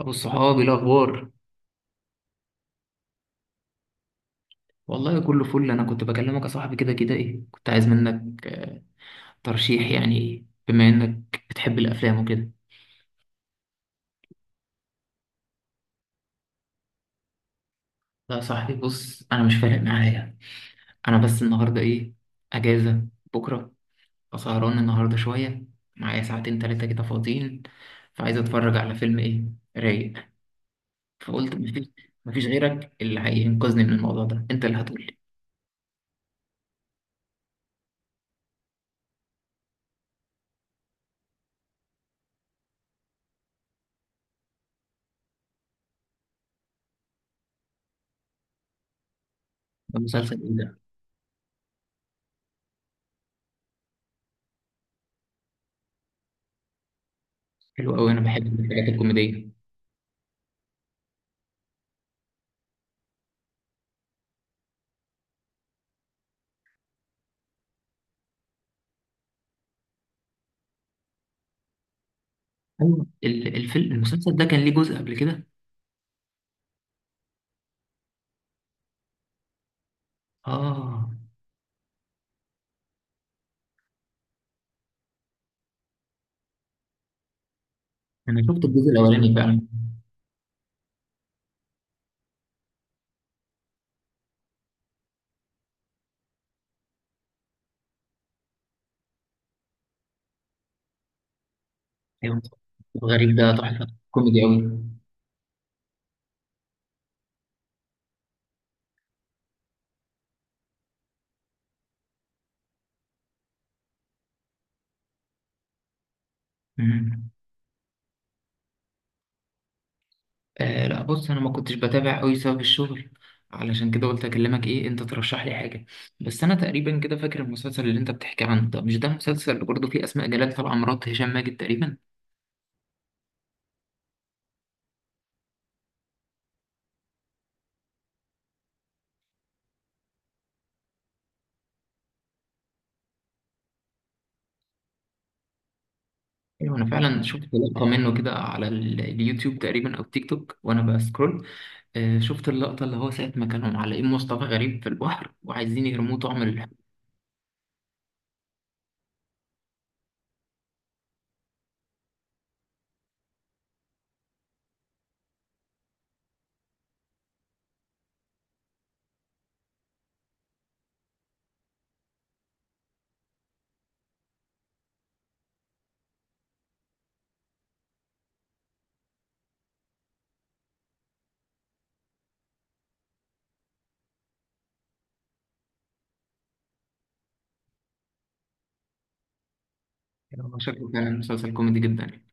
ابو الصحاب إيه الاخبار؟ والله كله فل. انا كنت بكلمك يا صاحبي كده ايه، كنت عايز منك ترشيح، يعني بما انك بتحب الافلام وكده. لا يا صاحبي، بص انا مش فارق معايا. انا بس النهارده ايه، اجازه بكره، فسهران النهارده شويه، معايا ساعتين تلاتة كده فاضيين، فعايز اتفرج على فيلم ايه، رايق. فقلت مفيش، مفيش غيرك اللي هينقذني من الموضوع ده، انت اللي هتقولي. ده مسلسل ايه ده؟ حلو قوي، انا بحب الحاجات الكوميديه. ايوه، الفيلم المسلسل ده كان ليه جزء قبل كده؟ اه. انا شفت الجزء الاولاني فعلا. ايوه، غريب ده تحفه كوميدي قوي. مم. آه لا، بص انا ما كنتش بتابع قوي بسبب الشغل، علشان كده قلت اكلمك ايه، انت ترشح لي حاجه. بس انا تقريبا كده فاكر المسلسل اللي انت بتحكي عنه، ده مش ده المسلسل اللي برضه فيه اسماء جلال طالعه مرات هشام ماجد تقريبا؟ ايوه، انا فعلا شفت لقطه منه كده على اليوتيوب تقريبا او تيك توك وانا بسكرول. شفت اللقطة اللي هو ساعة ما كانوا معلقين مصطفى غريب في البحر وعايزين يرموه طعم الحب. هو شكله كان مسلسل كوميدي جدا يعني.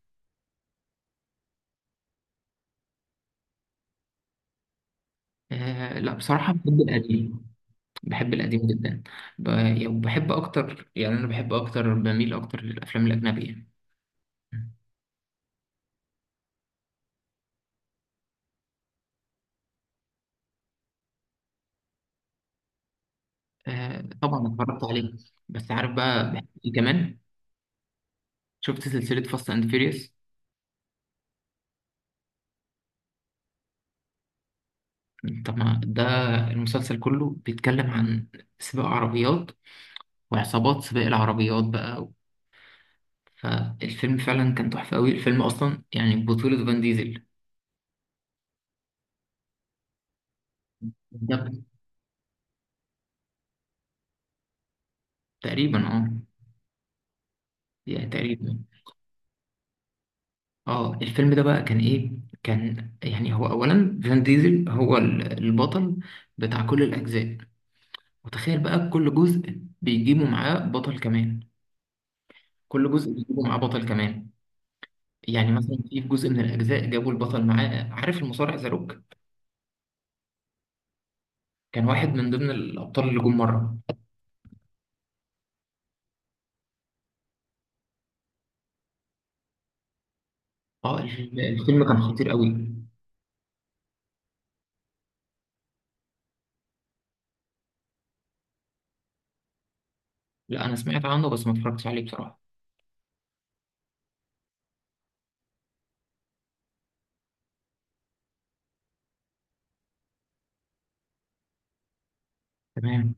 آه لا، بصراحة بحب القديم. بحب القديم جدا. يعني بحب أكتر، يعني أنا بحب أكتر، بميل أكتر للأفلام الأجنبية. آه طبعا اتفرجت عليه. بس عارف بقى بحب إيه كمان؟ شفت سلسلة فاست أند فيريوس؟ طب ما ده المسلسل كله بيتكلم عن سباق عربيات وعصابات سباق العربيات بقى. فالفيلم فعلا كان تحفة أوي، الفيلم أصلا يعني بطولة فان ديزل. بالظبط. تقريبا اه. يعني تقريبا. اه، الفيلم ده بقى كان ايه، كان يعني هو اولا فان ديزل هو البطل بتاع كل الاجزاء. وتخيل بقى، كل جزء بيجيبوا معاه بطل كمان، كل جزء بيجيبوا معاه بطل كمان. يعني مثلا في جزء من الاجزاء جابوا البطل معاه، عارف المصارع ذا روك؟ كان واحد من ضمن الابطال اللي جم مره. اه الفيلم كان خطير قوي. لا انا سمعت عنه بس ما اتفرجتش عليه بصراحه. تمام.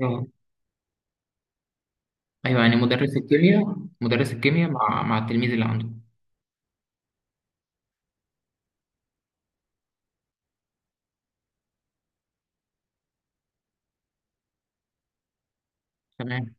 اه. ايوه يعني مدرس الكيمياء، مدرس الكيمياء مع مع التلميذ اللي عنده. تمام.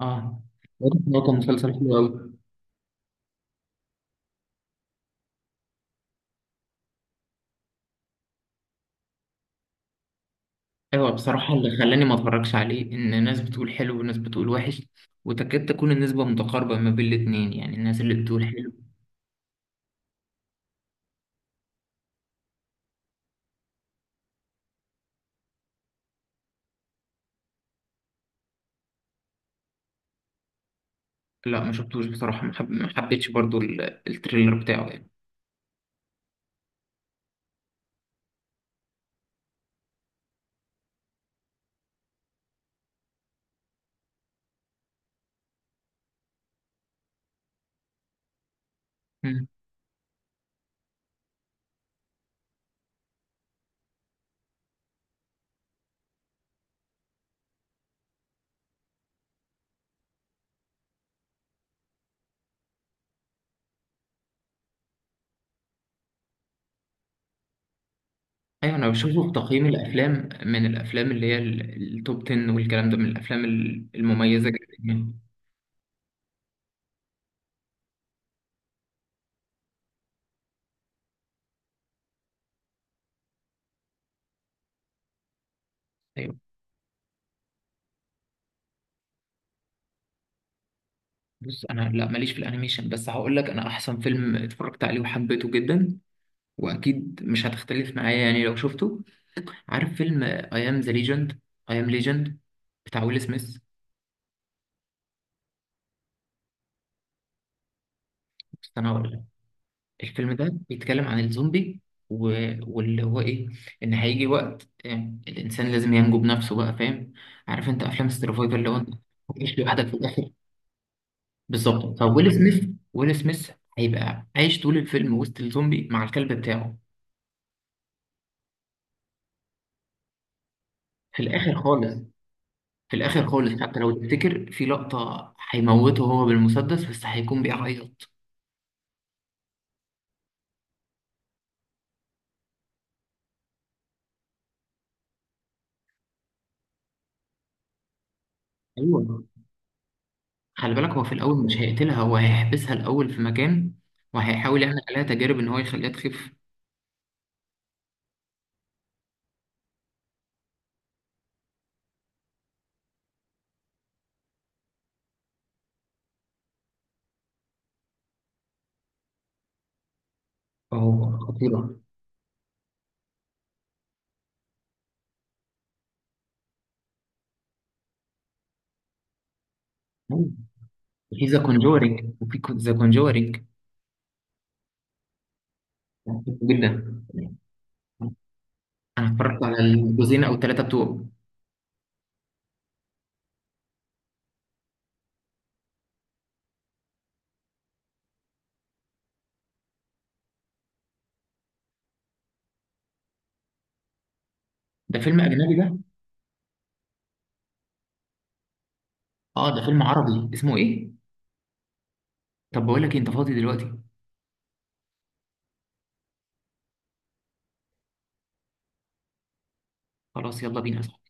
اه. واضح إن هو كان مسلسل حلو قوي. ايوه بصراحه، اللي خلاني ما اتفرجش عليه ان ناس بتقول حلو وناس بتقول وحش. وتكاد تكون النسبه متقاربه ما بين الاتنين، يعني الناس اللي بتقول حلو. لا ما شفتوش بصراحه، ما حبيتش برضو التريلر بتاعه يعني. مم. ايوه انا بشوفه في تقييم الافلام، من الافلام اللي هي التوب 10 والكلام ده، من الافلام المميزه جدا يعني. ايوه. بص انا لا ماليش في الانيميشن، بس هقول لك انا احسن فيلم اتفرجت عليه وحبيته جدا، واكيد مش هتختلف معايا يعني لو شفته. عارف فيلم اي ام ذا ليجند؟ اي ام ليجند بتاع ويل سميث. بس انا هقول لك، الفيلم ده بيتكلم عن الزومبي و... واللي هو ايه، ان هيجي وقت يعني الانسان لازم ينجو بنفسه بقى، فاهم؟ عارف انت افلام السرفايفل اللي هو انت هتعيش لوحدك في الاخر؟ بالظبط. فويل سميث، ويل سميث هيبقى عايش طول الفيلم وسط الزومبي مع الكلب بتاعه. في الاخر خالص، في الاخر خالص حتى لو تفتكر في لقطه هيموته هو بالمسدس بس هيكون بيعيط. ايوه. خلي بالك هو في الاول مش هيقتلها، هو هيحبسها الاول في مكان، وهيحاول يعمل عليها تجارب ان هو يخليها تخف. فهو خطيره. أيوة. في ذا كونجورينج، وفي ذا كونجورينج جدا. انا اتفرجت على الجزئين او الثلاثه بتوعه. ده فيلم اجنبي ده؟ اه ده فيلم عربي اسمه ايه؟ طب بقول لك إيه، انت فاضي دلوقتي؟ خلاص يلا بينا.